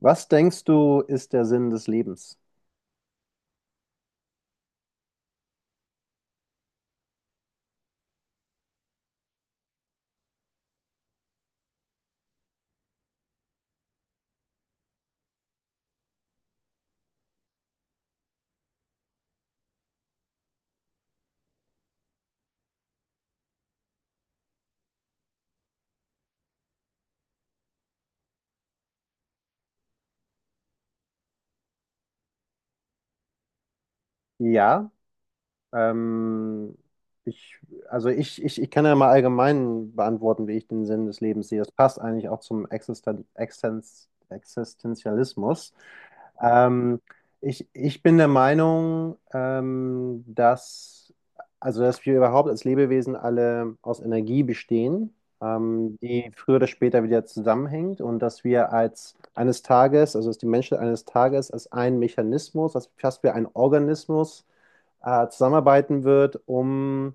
Was denkst du, ist der Sinn des Lebens? Ja, ähm, ich, also ich kann ja mal allgemein beantworten, wie ich den Sinn des Lebens sehe. Das passt eigentlich auch zum Existenzialismus. Ähm, ich bin der Meinung, also dass wir überhaupt als Lebewesen alle aus Energie bestehen, die früher oder später wieder zusammenhängt und dass wir als eines Tages, also dass die Menschen eines Tages als ein Mechanismus, als fast wie ein Organismus zusammenarbeiten wird, um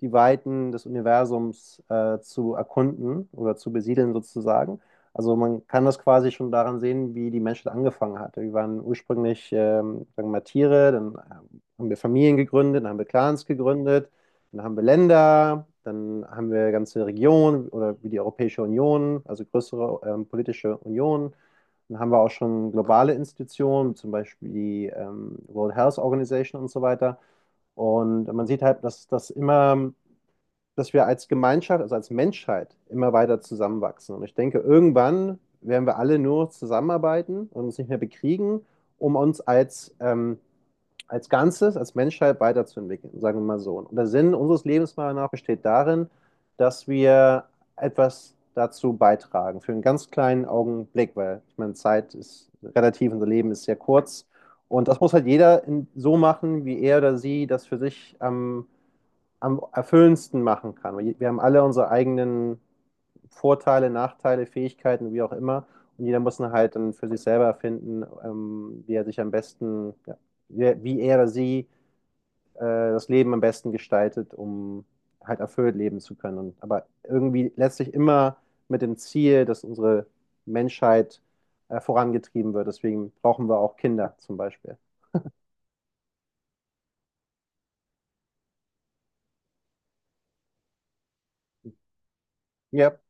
die Weiten des Universums zu erkunden oder zu besiedeln sozusagen. Also man kann das quasi schon daran sehen, wie die Menschheit angefangen hat. Wir waren ursprünglich, sagen wir mal, Tiere, dann haben wir Familien gegründet, dann haben wir Clans gegründet, dann haben wir Länder, dann haben wir ganze Regionen oder wie die Europäische Union, also größere politische Unionen. Dann haben wir auch schon globale Institutionen, zum Beispiel die World Health Organization und so weiter. Und man sieht halt, dass das immer dass wir als Gemeinschaft, also als Menschheit immer weiter zusammenwachsen. Und ich denke, irgendwann werden wir alle nur zusammenarbeiten und uns nicht mehr bekriegen, um uns als Ganzes, als Menschheit weiterzuentwickeln, sagen wir mal so. Und der Sinn unseres Lebens meiner Meinung nach besteht darin, dass wir etwas dazu beitragen, für einen ganz kleinen Augenblick, weil ich meine, Zeit ist relativ, unser Leben ist sehr kurz. Und das muss halt jeder so machen, wie er oder sie das für sich am erfüllendsten machen kann. Wir haben alle unsere eigenen Vorteile, Nachteile, Fähigkeiten, wie auch immer. Und jeder muss dann halt dann für sich selber erfinden, wie er sich am besten, ja, wie er oder sie das Leben am besten gestaltet, um halt erfüllt leben zu können. Und, aber irgendwie letztlich immer mit dem Ziel, dass unsere Menschheit vorangetrieben wird. Deswegen brauchen wir auch Kinder zum Beispiel. Ja.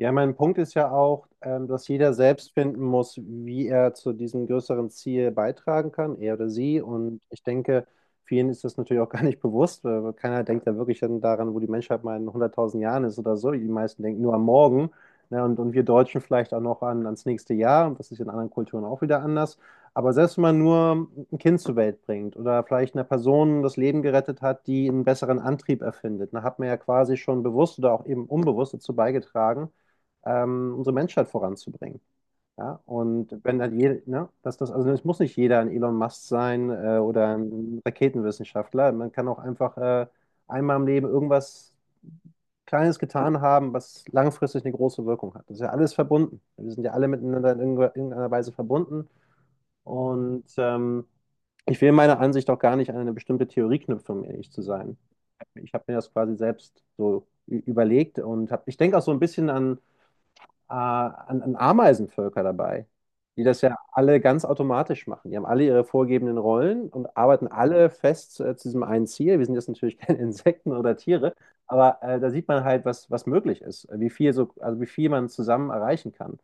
Ja, mein Punkt ist ja auch, dass jeder selbst finden muss, wie er zu diesem größeren Ziel beitragen kann, er oder sie. Und ich denke, vielen ist das natürlich auch gar nicht bewusst. Weil keiner denkt da wirklich dann daran, wo die Menschheit mal in 100.000 Jahren ist oder so. Die meisten denken nur am Morgen. Ne? Und wir Deutschen vielleicht auch noch ans nächste Jahr. Und das ist in anderen Kulturen auch wieder anders. Aber selbst wenn man nur ein Kind zur Welt bringt oder vielleicht eine Person das Leben gerettet hat, die einen besseren Antrieb erfindet, dann hat man ja quasi schon bewusst oder auch eben unbewusst dazu beigetragen, unsere Menschheit voranzubringen. Ja? Und wenn dann jeder, ne, dass das, also es muss nicht jeder ein Elon Musk sein oder ein Raketenwissenschaftler. Man kann auch einfach einmal im Leben irgendwas Kleines getan haben, was langfristig eine große Wirkung hat. Das ist ja alles verbunden. Wir sind ja alle miteinander in irgendeiner Weise verbunden. Und ich will meiner Ansicht auch gar nicht an eine bestimmte Theorie knüpfen, um ehrlich zu sein. Ich habe mir das quasi selbst so überlegt und hab, ich denke auch so ein bisschen an an Ameisenvölker dabei, die das ja alle ganz automatisch machen. Die haben alle ihre vorgegebenen Rollen und arbeiten alle fest zu diesem einen Ziel. Wir sind jetzt natürlich keine Insekten oder Tiere, aber da sieht man halt, was möglich ist, wie viel so, also wie viel man zusammen erreichen kann.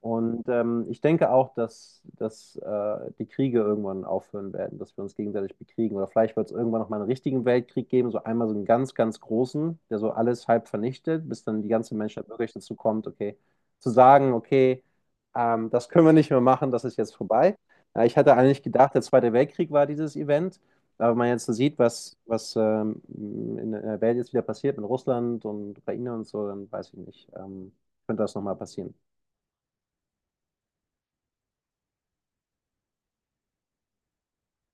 Und ich denke auch, dass die Kriege irgendwann aufhören werden, dass wir uns gegenseitig bekriegen. Oder vielleicht wird es irgendwann noch mal einen richtigen Weltkrieg geben, so einmal so einen ganz, ganz großen, der so alles halb vernichtet, bis dann die ganze Menschheit wirklich dazu kommt, okay, zu sagen, okay, das können wir nicht mehr machen, das ist jetzt vorbei. Ja, ich hatte eigentlich gedacht, der Zweite Weltkrieg war dieses Event, aber wenn man jetzt so sieht, was in der Welt jetzt wieder passiert mit Russland und Ukraine und so, dann weiß ich nicht, könnte das nochmal passieren.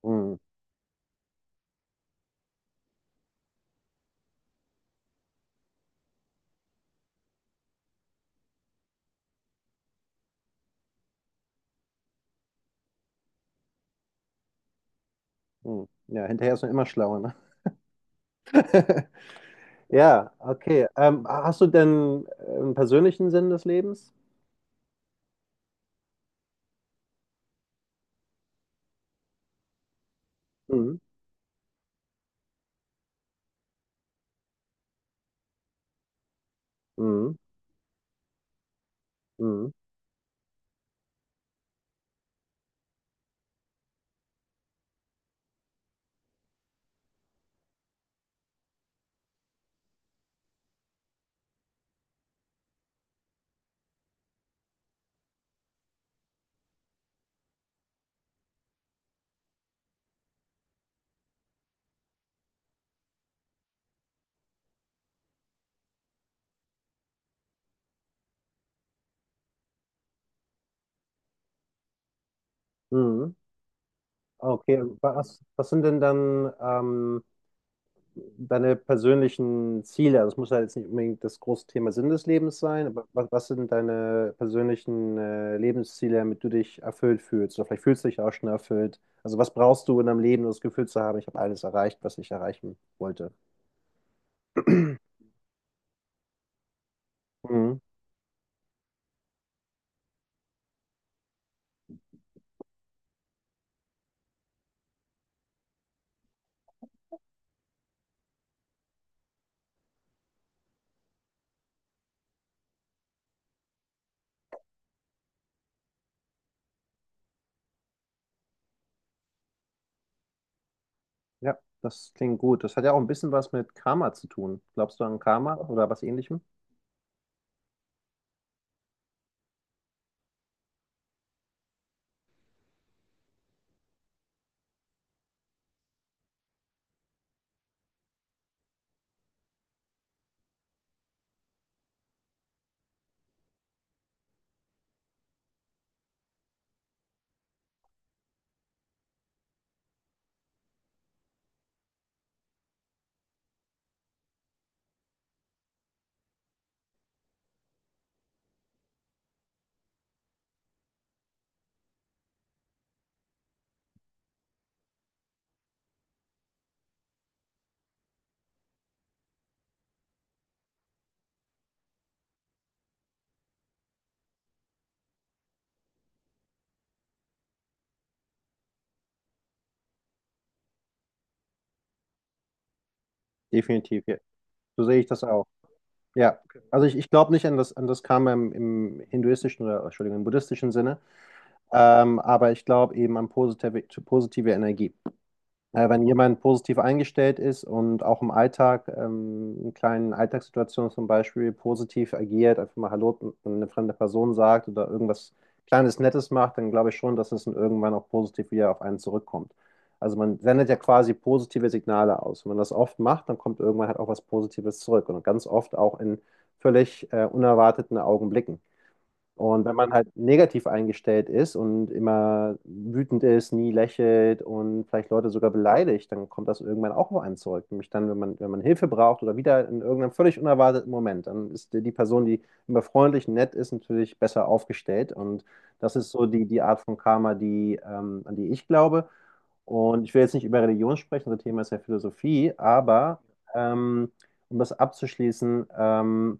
Mm. Hm. Ja, hinterher ist man immer schlauer, ne? Ja, okay. Hast du denn einen persönlichen Sinn des Lebens? Mhm. Mhm. Mhm. Mhm. Okay, was sind denn dann deine persönlichen Ziele? Also es muss ja jetzt nicht unbedingt das große Thema Sinn des Lebens sein, aber was sind deine persönlichen Lebensziele, damit du dich erfüllt fühlst? Oder vielleicht fühlst du dich auch schon erfüllt. Also was brauchst du in deinem Leben, um das Gefühl zu haben, ich habe alles erreicht, was ich erreichen wollte? Mhm. Ja, das klingt gut. Das hat ja auch ein bisschen was mit Karma zu tun. Glaubst du an Karma oder was Ähnlichem? Definitiv, ja. So sehe ich das auch. Ja, also ich glaube nicht an an das Karma im hinduistischen oder, Entschuldigung, im buddhistischen Sinne, aber ich glaube eben an positive Energie. Wenn jemand positiv eingestellt ist und auch im Alltag, in kleinen Alltagssituationen zum Beispiel, positiv agiert, einfach mal Hallo an eine fremde Person sagt oder irgendwas Kleines Nettes macht, dann glaube ich schon, dass es dann irgendwann auch positiv wieder auf einen zurückkommt. Also man sendet ja quasi positive Signale aus. Wenn man das oft macht, dann kommt irgendwann halt auch was Positives zurück und ganz oft auch in völlig unerwarteten Augenblicken. Und wenn man halt negativ eingestellt ist und immer wütend ist, nie lächelt und vielleicht Leute sogar beleidigt, dann kommt das irgendwann auch auf einen zurück. Nämlich dann, wenn man Hilfe braucht oder wieder in irgendeinem völlig unerwarteten Moment, dann ist die Person, die immer freundlich, nett ist, natürlich besser aufgestellt. Und das ist so die Art von Karma, an die ich glaube. Und ich will jetzt nicht über Religion sprechen, das Thema ist ja Philosophie, aber ähm, um das abzuschließen,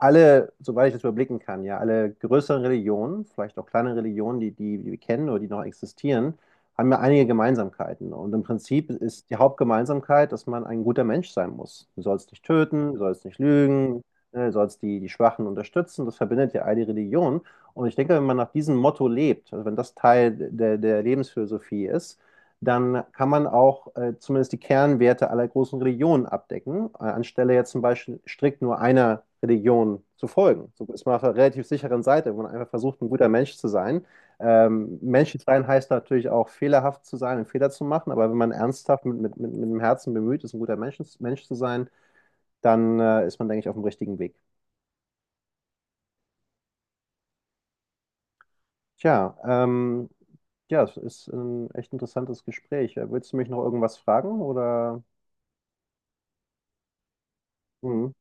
alle, soweit ich das überblicken kann, ja, alle größeren Religionen, vielleicht auch kleine Religionen, die wir kennen oder die noch existieren, haben ja einige Gemeinsamkeiten. Und im Prinzip ist die Hauptgemeinsamkeit, dass man ein guter Mensch sein muss. Du sollst nicht töten, du sollst nicht lügen, ne, du sollst die Schwachen unterstützen. Das verbindet ja all die Religionen. Und ich denke, wenn man nach diesem Motto lebt, also wenn das Teil der Lebensphilosophie ist, dann kann man auch zumindest die Kernwerte aller großen Religionen abdecken, anstelle jetzt zum Beispiel strikt nur einer Religion zu folgen. So ist man auf einer relativ sicheren Seite, wenn man einfach versucht, ein guter Mensch zu sein. Mensch zu sein heißt natürlich auch, fehlerhaft zu sein und Fehler zu machen, aber wenn man ernsthaft mit dem Herzen bemüht ist, ein guter Mensch zu sein, dann ist man, denke ich, auf dem richtigen Weg. Tja, ja, es ist ein echt interessantes Gespräch. Willst du mich noch irgendwas fragen oder? Mhm.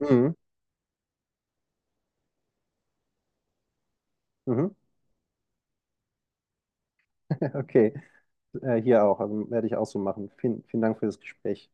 Mhm. Mhm. Okay, hier auch. Also werde ich auch so machen. Vielen, vielen Dank für das Gespräch.